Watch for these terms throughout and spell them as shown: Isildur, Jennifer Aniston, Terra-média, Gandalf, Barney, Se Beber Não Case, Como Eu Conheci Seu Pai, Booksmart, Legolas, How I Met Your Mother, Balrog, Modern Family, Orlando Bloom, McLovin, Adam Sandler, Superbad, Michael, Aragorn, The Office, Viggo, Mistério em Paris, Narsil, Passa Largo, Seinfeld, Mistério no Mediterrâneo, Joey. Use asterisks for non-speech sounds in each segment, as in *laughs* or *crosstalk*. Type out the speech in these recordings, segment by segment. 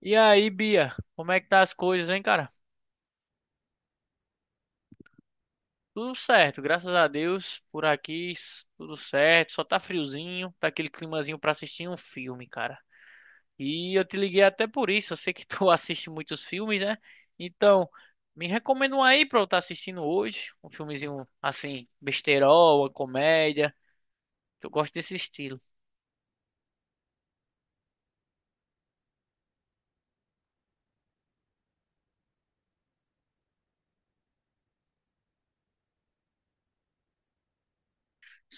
E aí, Bia, como é que tá as coisas, hein, cara? Tudo certo, graças a Deus, por aqui, tudo certo, só tá friozinho, tá aquele climazinho pra assistir um filme, cara. E eu te liguei até por isso, eu sei que *laughs* tu assiste muitos filmes, né? Então, me recomenda um aí pra eu estar assistindo hoje, um filmezinho assim, besterol, uma comédia, que eu gosto desse estilo.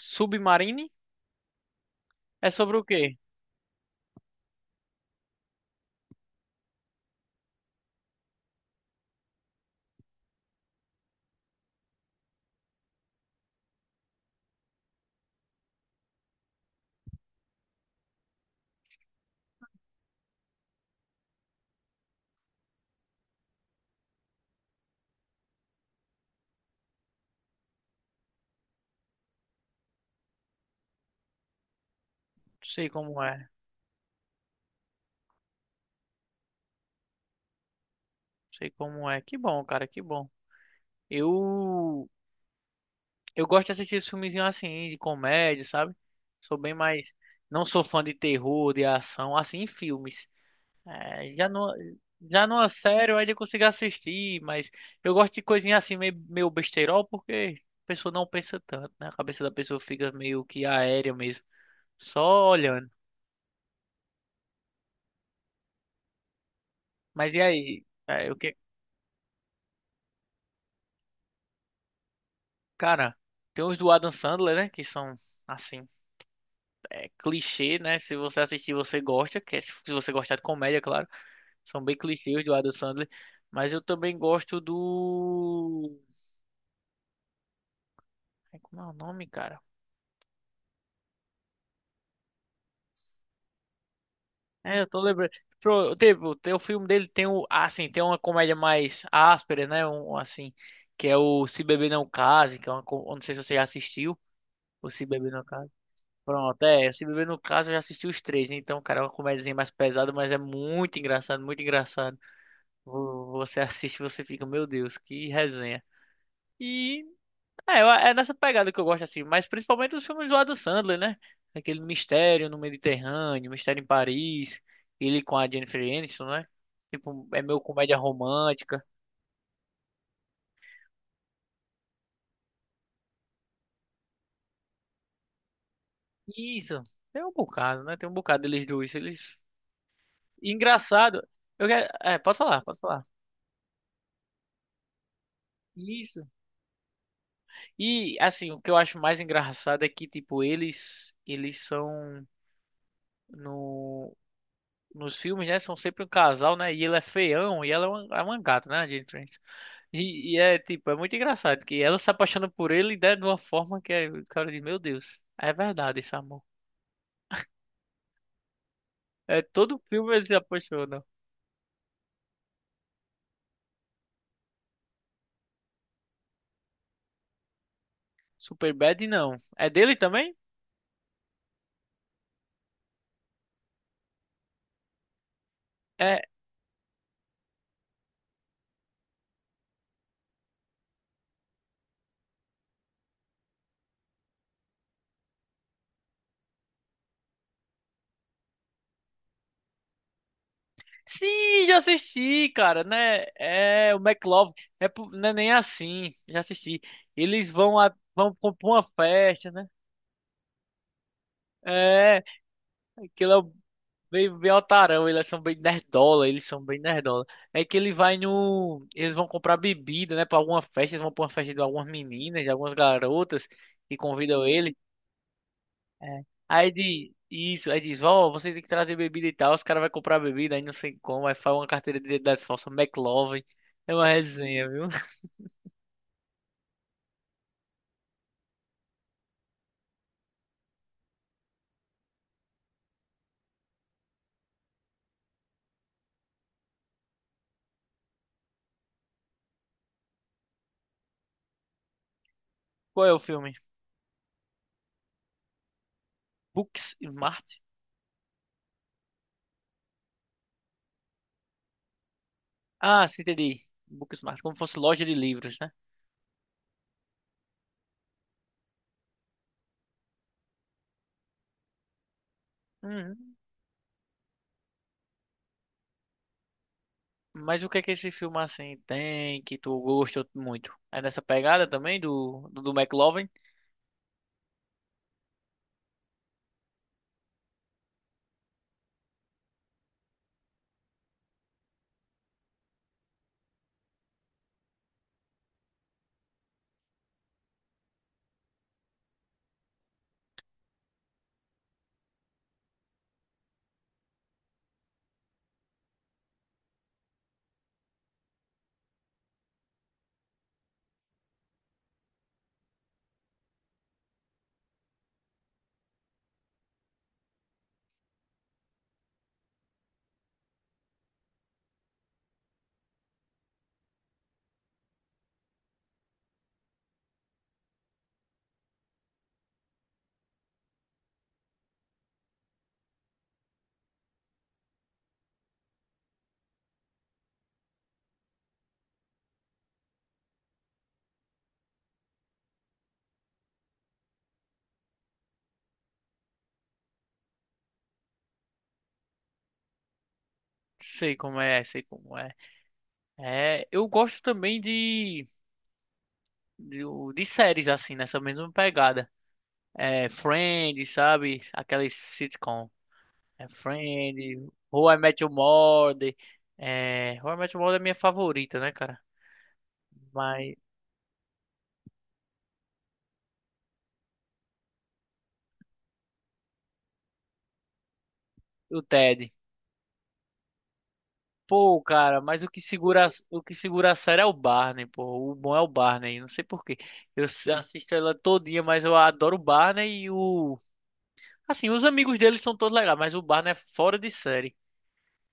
Submarine é sobre o quê? Não sei como é, não sei como é. Que bom, cara, que bom. Eu Eu gosto de assistir esses filmezinhos assim, de comédia, sabe? Sou bem mais. Não sou fã de terror, de ação, assim, em filmes. É, já não. Já numa série eu ainda consigo assistir, mas eu gosto de coisinha assim, meio, meio besteirol, porque a pessoa não pensa tanto, né? A cabeça da pessoa fica meio que aérea mesmo, só olhando. Mas e aí? É, o que... Cara, tem os do Adam Sandler, né? Que são, assim, é, clichê, né? Se você assistir, você gosta, que é se você gostar de comédia, claro. São bem clichês do Adam Sandler. Mas eu também gosto do. Ai, como é o nome, cara? É, eu tô lembrando. Teve, tem o filme dele, tem o. Ah, sim, tem uma comédia mais áspera, né? Um, assim, que é o Se Beber Não Case, que é uma. Eu não sei se você já assistiu. O Se Beber Não Case. Pronto, é. Se Beber Não Case, eu já assisti os três. Então, cara, é uma comédiazinha mais pesada, mas é muito engraçado, muito engraçado. Você assiste, você fica, meu Deus, que resenha. E é, é nessa pegada que eu gosto assim, mas principalmente os filmes do Adam Sandler, né? Aquele Mistério no Mediterrâneo, Mistério em Paris, ele com a Jennifer Aniston, né? Tipo, é meio comédia romântica. Isso, tem um bocado, né? Tem um bocado deles dois, eles... Engraçado, eu quero... É, pode falar, pode falar. Isso. E, assim, o que eu acho mais engraçado é que, tipo, eles... Eles são... No... Nos filmes, né? São sempre um casal, né? E ele é feião e ela é uma gata, né? A Jennifer? E é tipo, é muito engraçado que ela se apaixona por ele, né, de uma forma que é, o cara diz, meu Deus, é verdade esse amor. É todo filme ele se apaixona. Superbad não. É dele também? É. Sim, já assisti, cara, né? É o McLovin. É, não é nem assim. Já assisti. Eles vão a, vão pra uma festa, né? É, aquilo bem, bem otarão, eles são bem nerdola, eles são bem nerdola. É que ele vai no. Eles vão comprar bebida, né? Pra alguma festa, eles vão pra uma festa de algumas meninas, de algumas garotas que convidam ele. É. Aí diz, isso, aí diz, ó, vocês têm que trazer bebida e tal. Os caras vão comprar bebida, aí não sei como, aí faz uma carteira de identidade falsa, McLovin. É uma resenha, viu? *laughs* Qual é o filme? Booksmart? Ah, sim, entendi. Booksmart, como fosse loja de livros, né? Uhum. Mas o que é que esse filme assim tem que tu gostou muito? É nessa pegada também do McLovin? Sei como é, sei como é. É, eu gosto também de, de séries assim, nessa mesma pegada. É, Friends, sabe? Aquelas sitcom. É Friends, How I Met Your Mother. É, How I Met Your Mother é minha favorita, né, cara? Mas o Ted. Pô, cara, mas o que segura a série é o Barney, pô. O bom é o Barney, não sei por quê. Assisto ela todinha, mas eu adoro o Barney e o... Assim, os amigos dele são todos legais, mas o Barney é fora de série.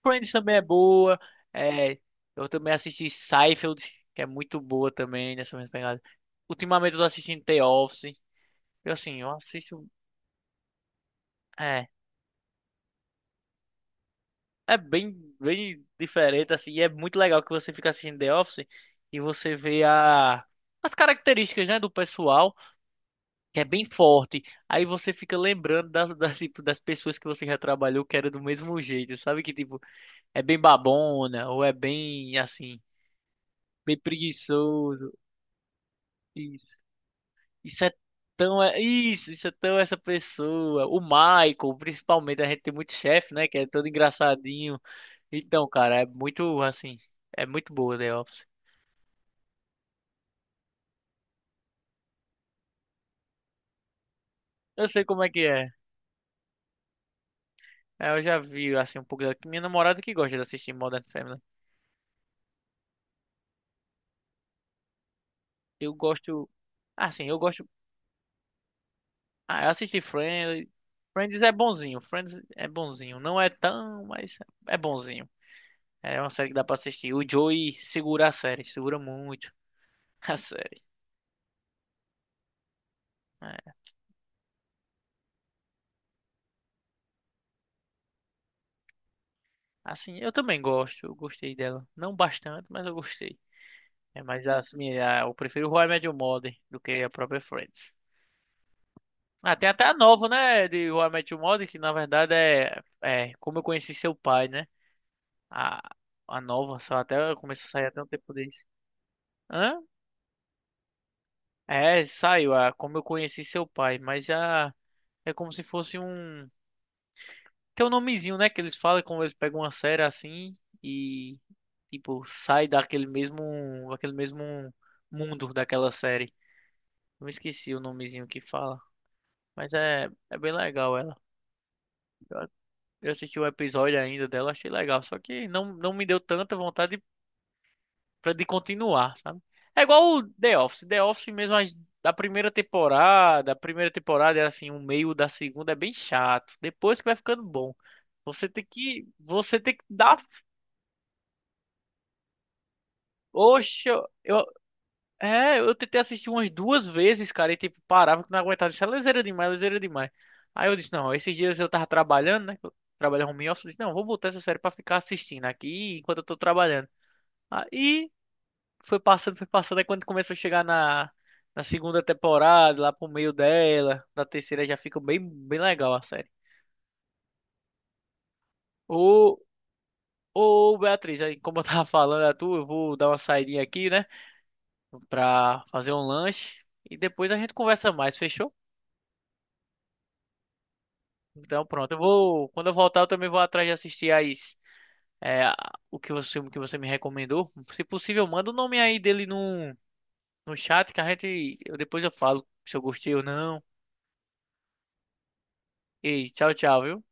Friends também é boa. É, eu também assisti Seinfeld, que é muito boa também, nessa mesma pegada. Ultimamente eu tô assistindo The Office. Eu, assim, eu assisto... é, é bem, bem diferente, assim, e é muito legal que você fica assistindo The Office e você vê a, as características, né, do pessoal, que é bem forte. Aí você fica lembrando das, *laughs* das, tipo, das pessoas que você já trabalhou que era do mesmo jeito, sabe? Que, tipo, é bem babona, ou é bem, assim, bem preguiçoso. Isso, isso é tão... isso, isso é tão essa pessoa. O Michael, principalmente, a gente tem muito chefe, né, que é todo engraçadinho. Então, cara, é muito, assim... É muito boa The Office. Eu sei como é que é. É, eu já vi, assim, um pouco da... Minha namorada que gosta de assistir Modern Family. Eu gosto... Assim, eu gosto... Ah, eu assisti Friends. Friends é bonzinho. Friends é bonzinho. Não é tão, mas é bonzinho. É uma série que dá pra assistir. O Joey segura a série. Segura muito *laughs* a série. É. Assim, eu também gosto. Eu gostei dela. Não bastante, mas eu gostei. É, mas assim, é, eu prefiro How I Met Your Mother do que a própria Friends. Ah, tem até a nova, né? De How I Met Your Mother, que na verdade é, é Como Eu Conheci Seu Pai, né? A, a nova, só até começou a sair até um tempo desse. Hã? É, saiu a Como Eu Conheci Seu Pai, mas já é como se fosse um. Tem um nomezinho, né? Que eles falam como eles pegam uma série assim e, tipo, sai daquele mesmo mundo daquela série. Eu me esqueci o nomezinho que fala, mas é, é bem legal ela. Eu assisti o episódio ainda dela, achei legal. Só que não, não me deu tanta vontade de, de continuar, sabe? É igual o The Office. The Office mesmo, da primeira temporada, a primeira temporada é assim, o meio da segunda é bem chato. Depois que vai ficando bom. Você tem que dar. Oxe, é, eu tentei assistir umas duas vezes, cara, e tipo, parava que não aguentava. Isso é leseira demais, leseira demais. Aí eu disse, não, esses dias eu tava trabalhando, né? Eu trabalhava home office, eu disse, não, vou botar essa série pra ficar assistindo aqui enquanto eu tô trabalhando. Aí foi passando, foi passando. Aí quando começou a chegar na, na segunda temporada, lá pro meio dela, na terceira já fica bem, bem legal a série. Ô, ô Beatriz, aí como eu tava falando a tu, eu vou dar uma saidinha aqui, né? Pra fazer um lanche. E depois a gente conversa mais, fechou? Então pronto, eu vou. Quando eu voltar, eu também vou atrás de assistir as. É, o que você me recomendou. Se possível, manda o nome aí dele no, no chat que a gente. Eu, depois eu falo se eu gostei ou não. Ei, tchau, tchau, viu?